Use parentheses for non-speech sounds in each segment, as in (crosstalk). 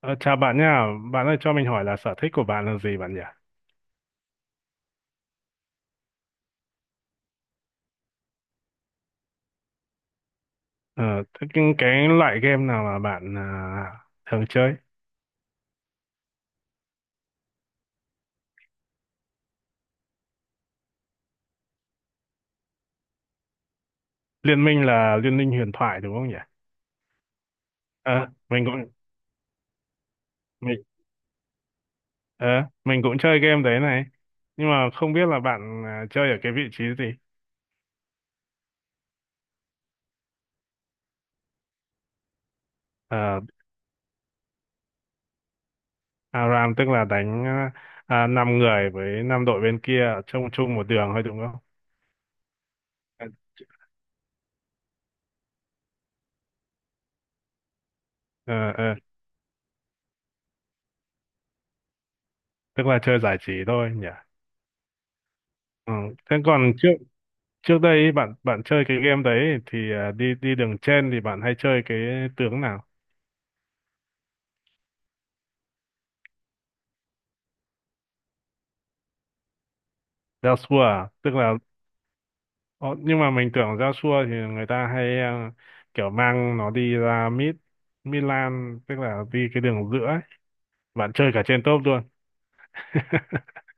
Ờ, Chào bạn nha, bạn ơi cho mình hỏi là sở thích của bạn là gì bạn nhỉ? Ờ, Thế cái loại game nào mà bạn thường chơi? Liên minh là Liên minh huyền thoại đúng không nhỉ? Ờ, mình cũng mình ờ, mình cũng chơi game đấy này, nhưng mà không biết là bạn chơi ở cái vị trí gì? Ờ, ARAM tức là đánh 5 người với 5 đội bên kia chung chung một đường thôi đúng không? Ờ, ờ, Tức là chơi giải trí thôi nhỉ? Ừ. Thế còn trước trước đây ý, bạn bạn chơi cái game đấy thì đi đi đường trên thì bạn hay chơi cái tướng nào? Joshua à? Tức là Ồ, nhưng mà mình tưởng Joshua thì người ta hay kiểu mang nó đi ra mid. Milan tức là đi cái đường giữa ấy. Bạn chơi cả trên top luôn. (laughs)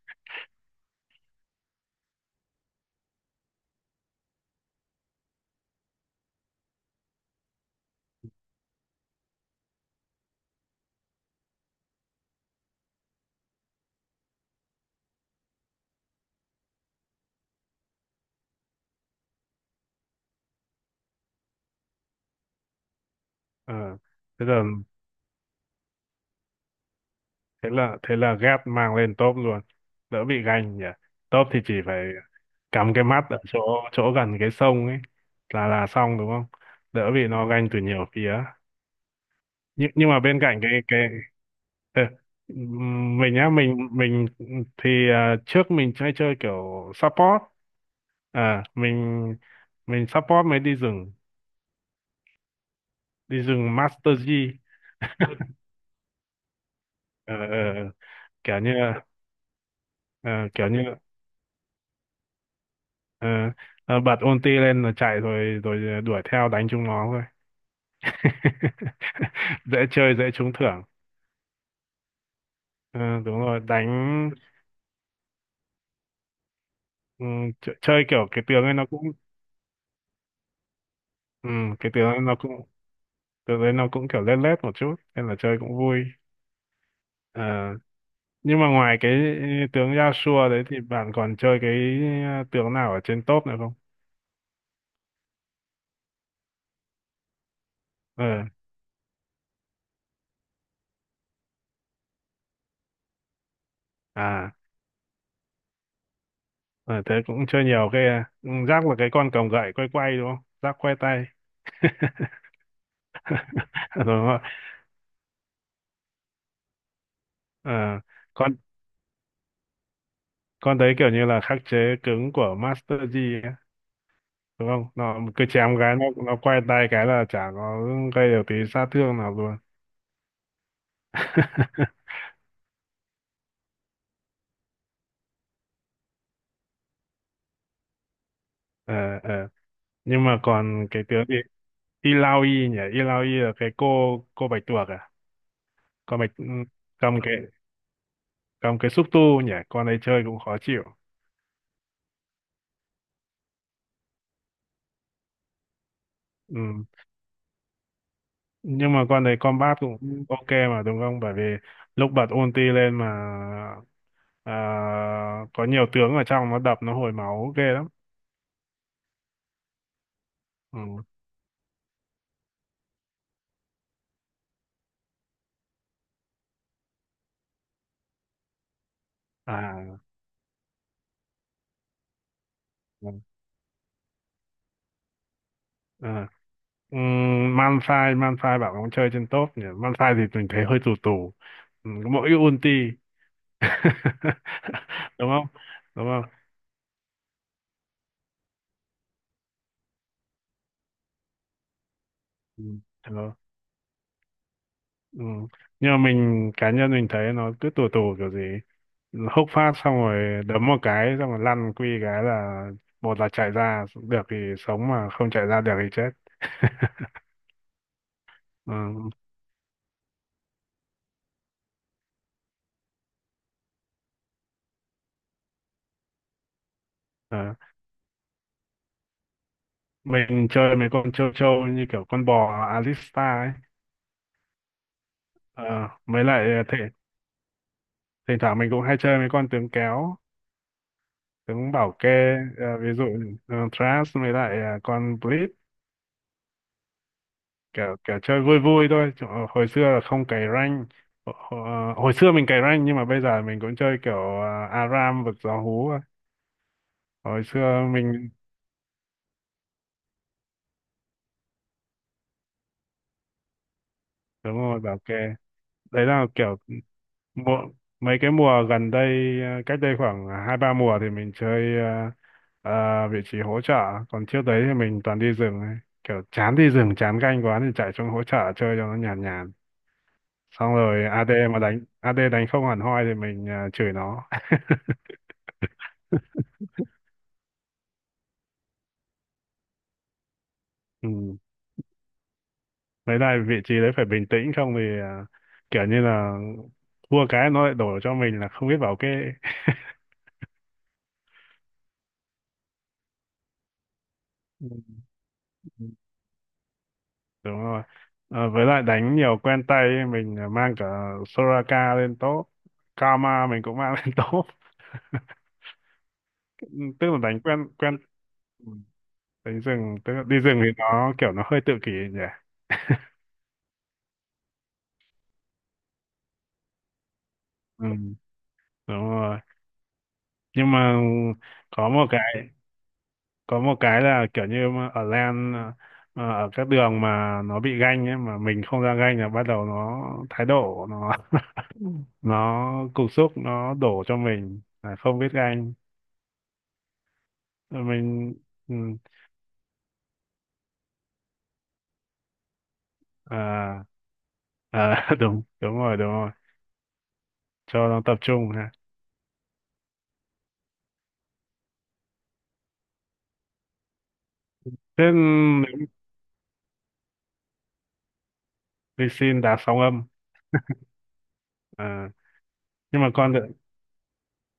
Ờ, thế là thế là ghép mang lên top luôn, đỡ bị ganh nhỉ. Top thì chỉ phải cắm cái mắt ở chỗ chỗ gần cái sông ấy là xong đúng không? Đỡ bị nó ganh từ nhiều phía. Nhưng mà bên cạnh cái ờ, mình á mình thì trước mình chơi chơi kiểu support. À mình mình support mới đi rừng. Đi rừng Master G. Ờ, ờ, kiểu như ờ, kiểu như ờ, ờ, Bật ulti lên rồi chạy rồi rồi đuổi theo đánh chúng nó thôi. (laughs) Dễ chơi dễ trúng thưởng. Ờ, Đúng rồi đánh. Ch- chơi kiểu cái tướng ấy nó cũng Cái tướng ấy nó cũng tựa đấy nó cũng kiểu lết lết một chút nên là chơi cũng vui. Ờ, nhưng mà ngoài cái tướng Yasuo đấy thì bạn còn chơi cái tướng nào ở trên top nữa không? ờ à ờ, Thế cũng chơi nhiều cái à. Ừ, Jack là cái con cầm gậy quay quay đúng không? Jack quay tay. (laughs) Đúng rồi. ờ con con đấy kiểu như là khắc chế cứng của Master Yi ấy, đúng không? Nó cứ chém cái nó quay tay cái là chả có gây được tí sát thương nào luôn. (laughs) ờ ờ nhưng mà còn cái tướng gì? Ilaoi nhỉ, Ilaoi là cái cô bạch tuộc à, con bạch cầm cái cầm cái xúc tu nhỉ, con ấy chơi cũng khó chịu. Ừ. Nhưng mà con đấy combat cũng ok mà đúng không? Bởi vì lúc bật ulti lên mà à, có nhiều tướng ở trong nó đập nó hồi máu ghê lắm. Ừ. À, ừ. À. Ừ, Malphite, Malphite bảo không chơi trên top nhỉ. Malphite thì mình thấy hơi tù tù. Ừ, mỗi ulti. (laughs) Đúng không? Đúng không? Ừ. Ừ. Nhưng mà mình cá nhân mình thấy nó cứ tù tù kiểu gì, hốc phát xong rồi đấm một cái xong rồi lăn quy cái là một là chạy ra được thì sống, mà không chạy ra được thì chết. (laughs) Ừ. ờ. Mình chơi mấy con châu châu như kiểu con bò Alista ấy. Ờ, Mới lại thể, thỉnh thoảng mình cũng hay chơi mấy con tướng kéo tướng bảo kê. Ví dụ Thras với lại con Blitz. Kiểu kiểu chơi vui vui thôi, chứ hồi xưa là không cày rank. Hồi xưa mình cày rank nhưng mà bây giờ mình cũng chơi kiểu ARAM vực gió hú thôi. Hồi xưa mình đúng rồi bảo kê đấy là kiểu mùa, mấy cái mùa gần đây cách đây khoảng 2 3 mùa thì mình chơi vị trí hỗ trợ. Còn trước đấy thì mình toàn đi rừng ấy. Kiểu chán đi rừng chán canh quá thì chạy xuống hỗ trợ chơi cho nó nhàn nhàn, xong rồi AD mà đánh, AD đánh không hẳn hoi thì mình chửi nó. (laughs) Ừ. Với lại vị trí đấy phải bình tĩnh, không thì kiểu như là thua cái nó lại đổ cho mình là không biết bảo kê. Ừ, ừ. Đúng rồi. À, với lại đánh nhiều quen tay ấy, mình mang cả Soraka lên top. Karma mình cũng mang lên top. (laughs) Ừ, tức là đánh quen quen. ừ, Đánh rừng, tức là đi rừng thì nó kiểu nó hơi tự kỷ nhỉ. Ừ, đúng rồi. Nhưng mà có một cái có một cái là kiểu như mà ở lan ở các đường mà nó bị ganh ấy mà mình không ra ganh là bắt đầu nó thái độ, nó (laughs) nó cục xúc, nó đổ cho mình là không biết ganh. Rồi mình ừ, à, (laughs) đúng đúng rồi cho nó tập trung ha. Thế đi xin đá sóng âm à, nhưng mà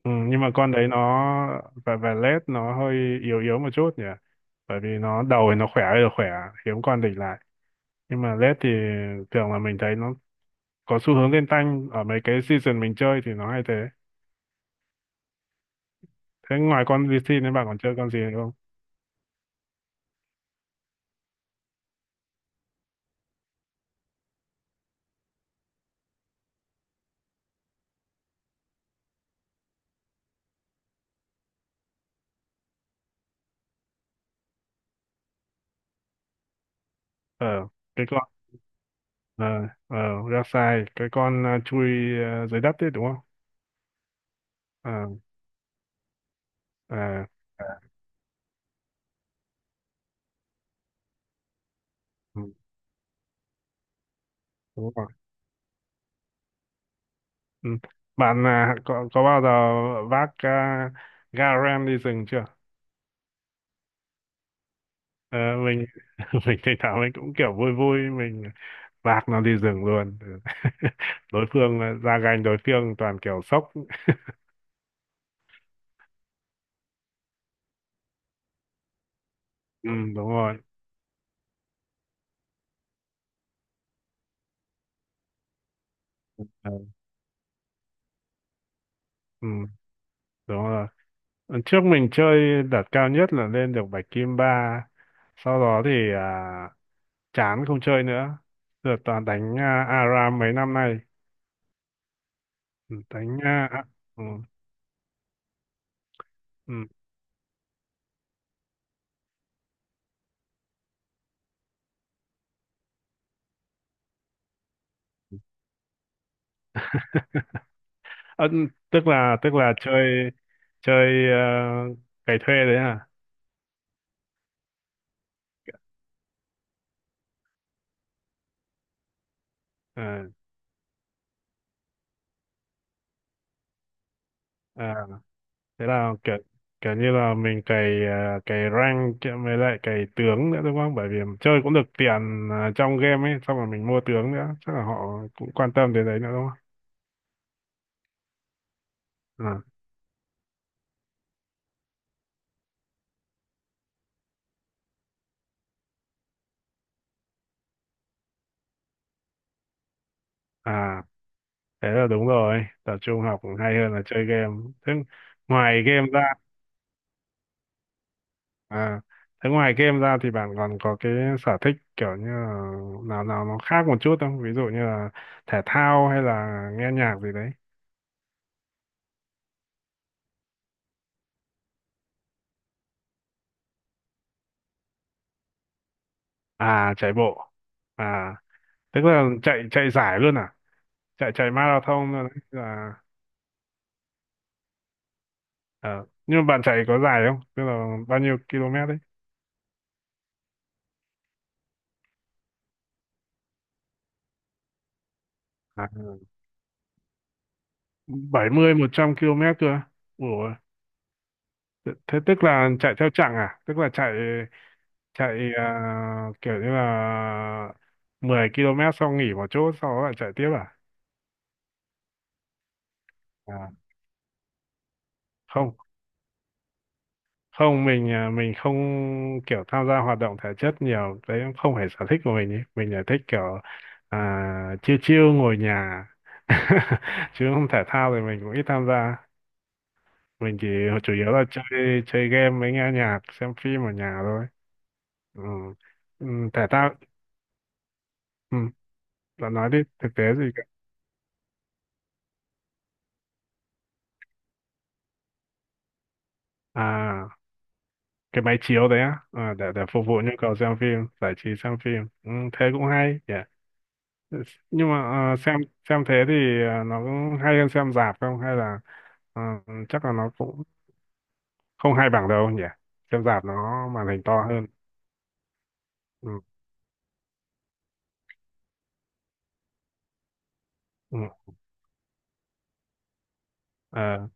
ừ, nhưng mà con đấy nó và led nó hơi yếu yếu một chút nhỉ, bởi vì nó đầu thì nó khỏe ơi là khỏe, hiếm con địch lại, nhưng mà led thì thường là mình thấy nó có xu hướng lên tanh ở mấy cái season mình chơi thì nó hay thế. Thế ngoài con VC nên bạn còn chơi con gì nữa không? ờ cái con ờ ờ Rek'Sai cái con chui dưới đất đấy đúng không? ờ ờ ừ, đúng rồi. Ừ. Bạn có bao giờ vác Garen đi rừng chưa? ờ mình (laughs) mình thỉnh thoảng mình cũng kiểu vui vui mình vác nó đi rừng luôn. (laughs) Đối phương ra gành đối phương toàn kiểu sốc. Ừ, đúng rồi. Ờ, ừ, Đúng rồi. Lần trước mình chơi đạt cao nhất là lên được bạch kim ba, sau đó thì chán không chơi nữa, giờ toàn đánh ARAM mấy năm nay. Ừ, đánh ừ, ừ. Ờ, Tức là tức là chơi chơi à, cày thuê đấy à? Ờ, ờ, Thế là kiểu kiểu như là mình cày cày rank kia với lại cày tướng nữa đúng không? Bởi vì chơi cũng được tiền trong game ấy, xong rồi mình mua tướng nữa chắc là họ cũng quan tâm đến đấy nữa đúng không? à, à Thế là đúng rồi tập trung học cũng hay hơn là chơi game. Thế ngoài game ra à thế ngoài game ra thì bạn còn có cái sở thích kiểu như là nào nào nó khác một chút không? Ví dụ như là thể thao hay là nghe nhạc gì đấy? Chạy bộ à? Tức là chạy chạy giải luôn à? Chạy chạy marathon? Thôi đấy là ờ. Nhưng mà bạn chạy có dài không, tức là bao nhiêu km đấy? à, 70 một trăm km cơ? Ủa, thế tức là chạy theo chặng à? Tức là chạy chạy kiểu như là 10 km xong nghỉ một chỗ sau đó lại chạy tiếp à không, không, mình mình không kiểu tham gia hoạt động thể chất nhiều đấy cũng không phải sở thích của mình ý. Mình là thích kiểu chiêu chiêu ngồi nhà. (laughs) Chứ không, thể thao thì mình cũng ít tham gia, mình chỉ chủ yếu là chơi chơi game với nghe nhạc xem phim ở nhà thôi. Ừ. Ừ, thể thao. Ừ. Bạn nói đi thực tế gì cả. à cái máy chiếu đấy á, để phục vụ nhu cầu xem phim giải trí xem phim. Ừ, thế cũng hay. Nhưng mà à, xem xem thế thì nó cũng hay hơn xem rạp không, hay là à, chắc là nó cũng không hay bằng đâu nhỉ. Xem rạp nó màn hình to hơn. Ừ, ừ, ờ,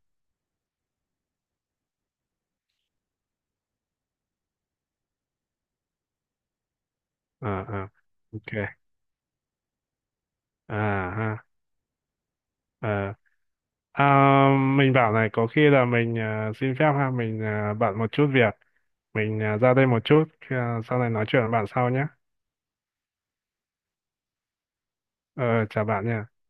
ờ, ờ, ok à ha ờ. à, mình bảo này có khi là mình xin phép ha, mình bận một chút việc, mình ra đây một chút sau này nói chuyện với bạn sau nhé. ờ, Chào bạn nha.